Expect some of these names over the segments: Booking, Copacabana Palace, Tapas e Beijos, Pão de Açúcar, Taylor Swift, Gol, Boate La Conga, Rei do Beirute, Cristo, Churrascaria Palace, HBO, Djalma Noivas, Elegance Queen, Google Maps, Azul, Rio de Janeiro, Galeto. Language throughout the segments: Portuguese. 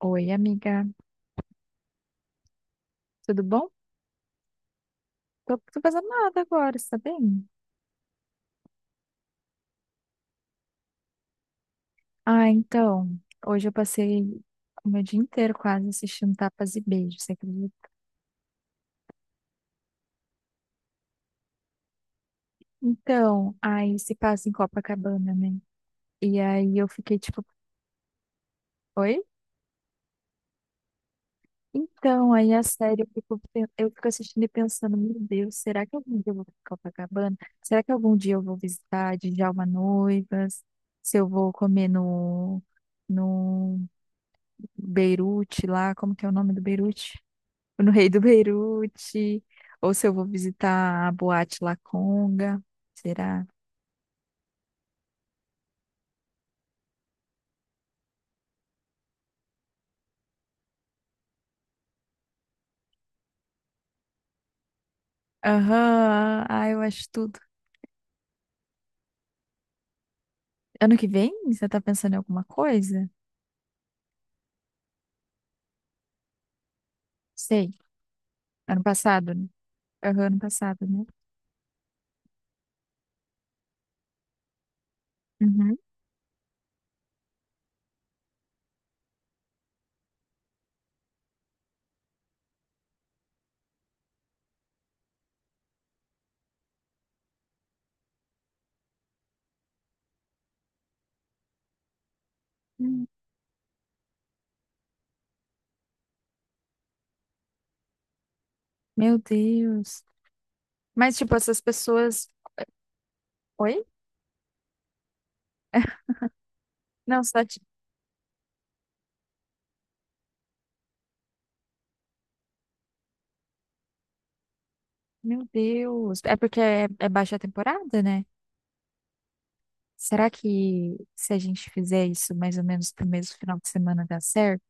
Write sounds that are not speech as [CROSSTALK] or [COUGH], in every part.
Oi, amiga, tudo bom? Tô fazendo nada agora, você tá bem? Ah, então, hoje eu passei o meu dia inteiro quase assistindo Tapas e Beijos, você acredita? Então, aí se passa em Copacabana, né? E aí eu fiquei tipo, oi? Então, aí a série eu fico assistindo e pensando, meu Deus, será que algum dia eu vou pra Copacabana? Será que algum dia eu vou visitar Djalma Noivas? Se eu vou comer no, no Beirute lá, como que é o nome do Beirute? Tipo, no Rei do Beirute, ou se eu vou visitar a Boate La Conga, será? Aham, ah, eu acho tudo. Ano que vem, você tá pensando em alguma coisa? Sei, ano passado, né? Aham, ano passado, né? Uhum. Hum. Meu Deus. Mas, tipo, essas pessoas. Oi? [LAUGHS] Não, só tipo, meu Deus. É porque é baixa temporada, né? Será que se a gente fizer isso mais ou menos pro mesmo final de semana dá certo?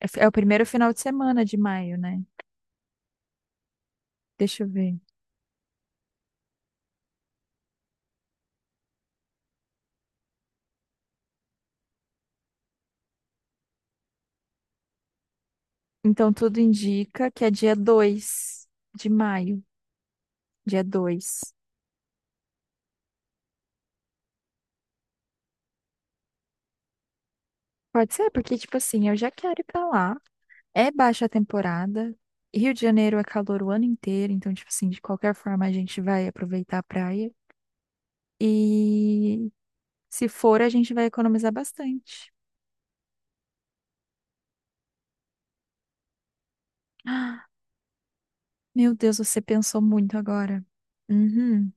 É o primeiro final de semana de maio, né? Deixa eu ver. Então, tudo indica que é dia 2 de maio. Dia 2. Pode ser, porque, tipo assim, eu já quero ir pra lá. É baixa temporada. Rio de Janeiro é calor o ano inteiro. Então, tipo assim, de qualquer forma, a gente vai aproveitar a praia. E se for, a gente vai economizar bastante. [GASPS] Ah, meu Deus, você pensou muito agora. Uhum.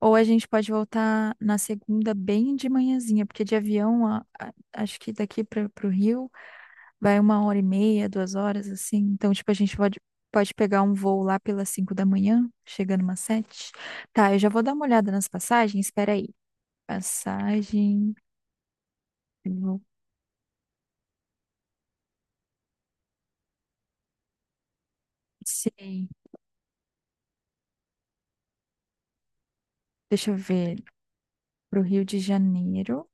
Ou a gente pode voltar na segunda bem de manhãzinha, porque de avião, acho que daqui para o Rio. Vai 1h30, 2 horas, assim. Então, tipo, a gente pode pegar um voo lá pelas 5 da manhã, chegando umas 7. Tá, eu já vou dar uma olhada nas passagens. Espera aí. Passagem. vou- Sim. Deixa eu ver. Pro Rio de Janeiro.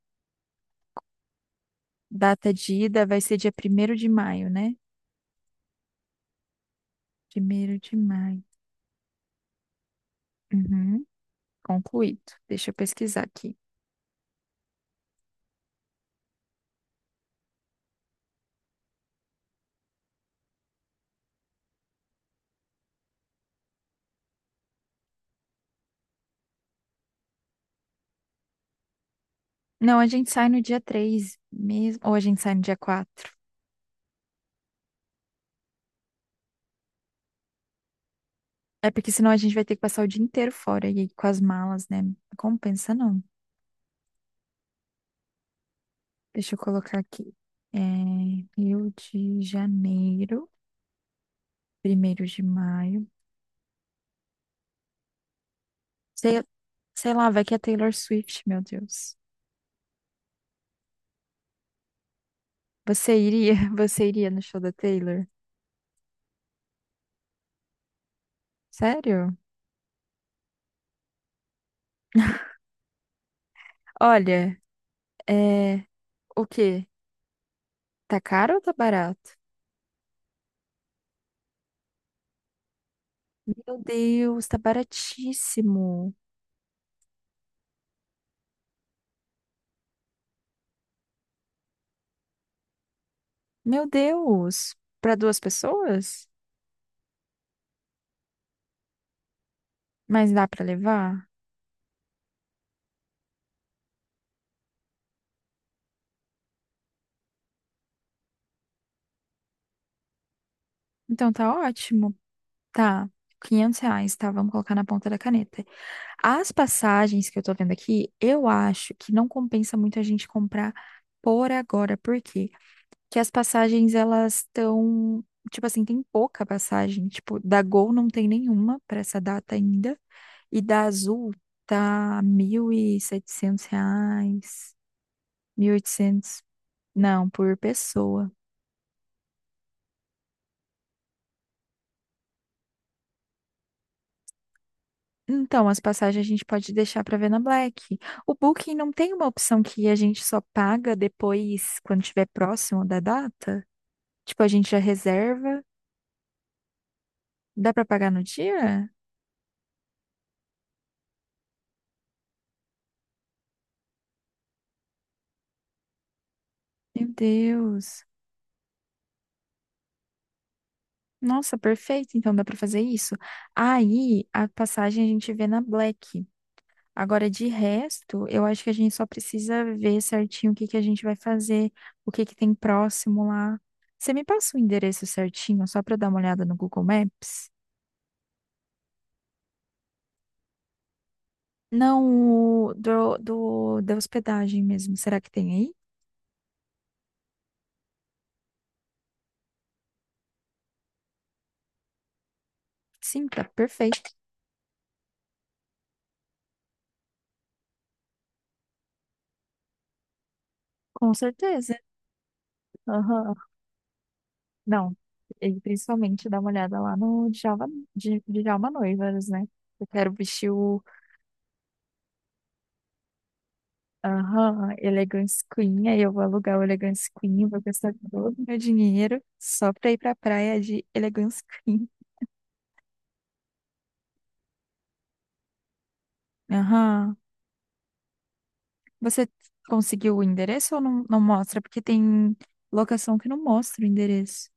Data de ida vai ser dia 1º de maio, né? 1º de maio. Uhum. Concluído. Deixa eu pesquisar aqui. Não, a gente sai no dia 3, mesmo. Ou a gente sai no dia 4. É porque senão a gente vai ter que passar o dia inteiro fora e aí com as malas, né? Não compensa não. Deixa eu colocar aqui. É, Rio de Janeiro, 1º de maio. Sei, sei lá, vai que é Taylor Swift, meu Deus. Você iria, [LAUGHS] você iria no show da Taylor? Sério? Olha, é, o quê? Tá caro ou tá barato? Meu Deus, tá baratíssimo. Meu Deus, para duas pessoas? Mas dá para levar? Então tá ótimo. Tá, R$ 500, tá? Vamos colocar na ponta da caneta. As passagens que eu tô vendo aqui, eu acho que não compensa muito a gente comprar por agora. Por quê? Porque as passagens, elas estão... Tipo assim, tem pouca passagem. Tipo, da Gol não tem nenhuma pra essa data ainda. E da Azul tá R$ 1.700, 1.800. Não, por pessoa. Então, as passagens a gente pode deixar para ver na Black. O Booking não tem uma opção que a gente só paga depois, quando estiver próximo da data? Tipo, a gente já reserva. Dá para pagar no dia? Meu Deus. Nossa, perfeito. Então dá para fazer isso. Aí a passagem a gente vê na Black. Agora, de resto, eu acho que a gente só precisa ver certinho o que que a gente vai fazer, o que que tem próximo lá. Você me passa o endereço certinho, só para dar uma olhada no Google Maps? Não, o da hospedagem mesmo. Será que tem aí? Sim, tá perfeito. Com certeza. Aham. Não. E principalmente dá uma olhada lá no Djalma Noivas, né? Eu quero vestir o. Aham, Elegance Queen, aí eu vou alugar o Elegance Queen, vou gastar todo o meu dinheiro só pra ir pra praia de Elegance Queen. Aham. Você conseguiu o endereço ou não, não mostra? Porque tem locação que não mostra o endereço.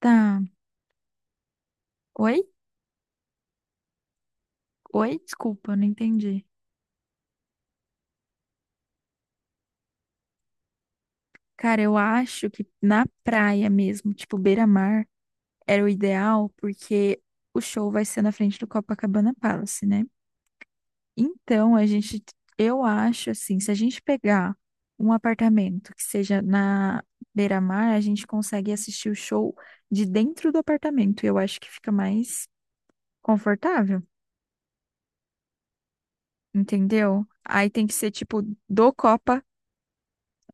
Tá. Oi? Oi, desculpa, eu não entendi. Cara, eu acho que na praia mesmo, tipo beira-mar, era o ideal, porque o show vai ser na frente do Copacabana Palace, né? Então, a gente, eu acho assim, se a gente pegar um apartamento que seja na beira-mar, a gente consegue assistir o show de dentro do apartamento. Eu acho que fica mais confortável, entendeu? Aí tem que ser tipo do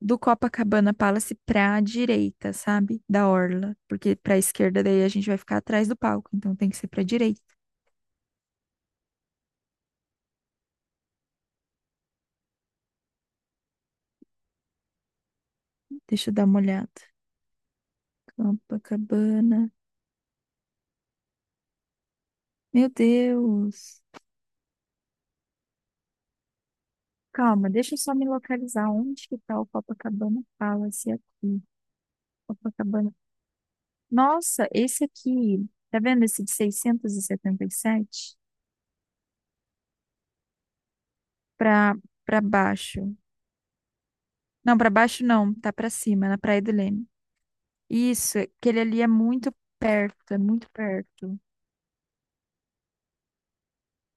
do Copacabana Palace pra direita, sabe? Da orla, porque pra esquerda daí a gente vai ficar atrás do palco, então tem que ser pra direita. Deixa eu dar uma olhada. Copacabana. Meu Deus. Calma, deixa eu só me localizar onde que tá o Copacabana Palace aqui. Copacabana. Nossa, esse aqui, tá vendo esse de 677? Pra para baixo. Não, pra baixo não, tá pra cima, na Praia do Leme. Isso, aquele ali é muito perto, é muito perto.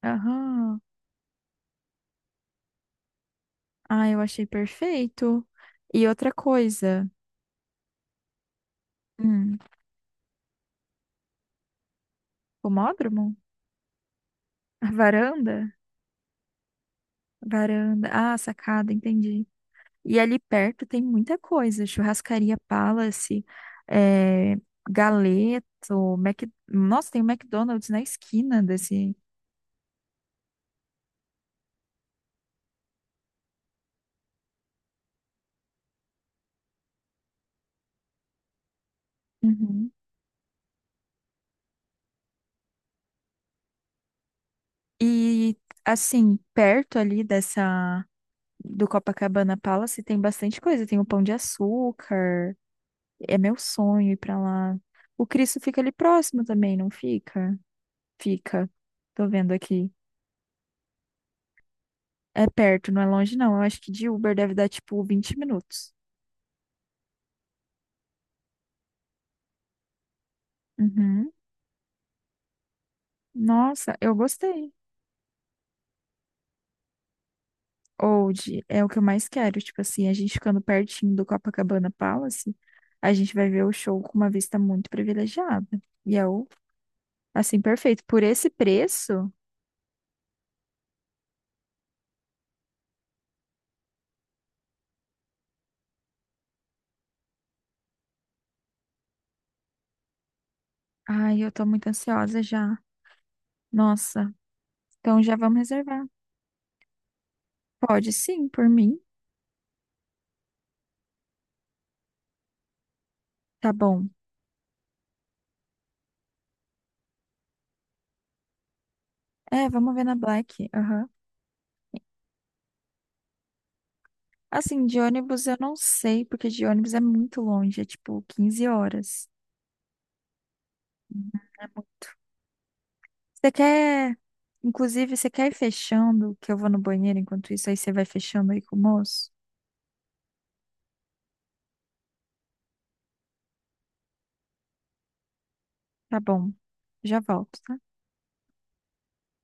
Aham. Ah, eu achei perfeito. E outra coisa. Hum, pomódromo? A varanda? Varanda. Ah, sacada, entendi. E ali perto tem muita coisa. Churrascaria Palace, é, Galeto, nossa, tem o McDonald's na esquina desse. Uhum. E assim, perto ali dessa do Copacabana Palace tem bastante coisa. Tem o Pão de Açúcar. É meu sonho ir pra lá. O Cristo fica ali próximo também, não fica? Fica. Tô vendo aqui. É perto, não é longe, não. Eu acho que de Uber deve dar tipo 20 minutos. Uhum. Nossa, eu gostei. Old é o que eu mais quero. Tipo assim, a gente ficando pertinho do Copacabana Palace, a gente vai ver o show com uma vista muito privilegiada. E é o, assim, perfeito. Por esse preço, ai, eu tô muito ansiosa já. Nossa, então já vamos reservar. Pode sim, por mim. Tá bom. É, vamos ver na Black. Aham. Assim, de ônibus eu não sei, porque de ônibus é muito longe, é tipo 15 horas. Uhum, é muito. Você quer, inclusive, você quer ir fechando, que eu vou no banheiro enquanto isso, aí você vai fechando aí com o moço? Tá bom, já volto, tá?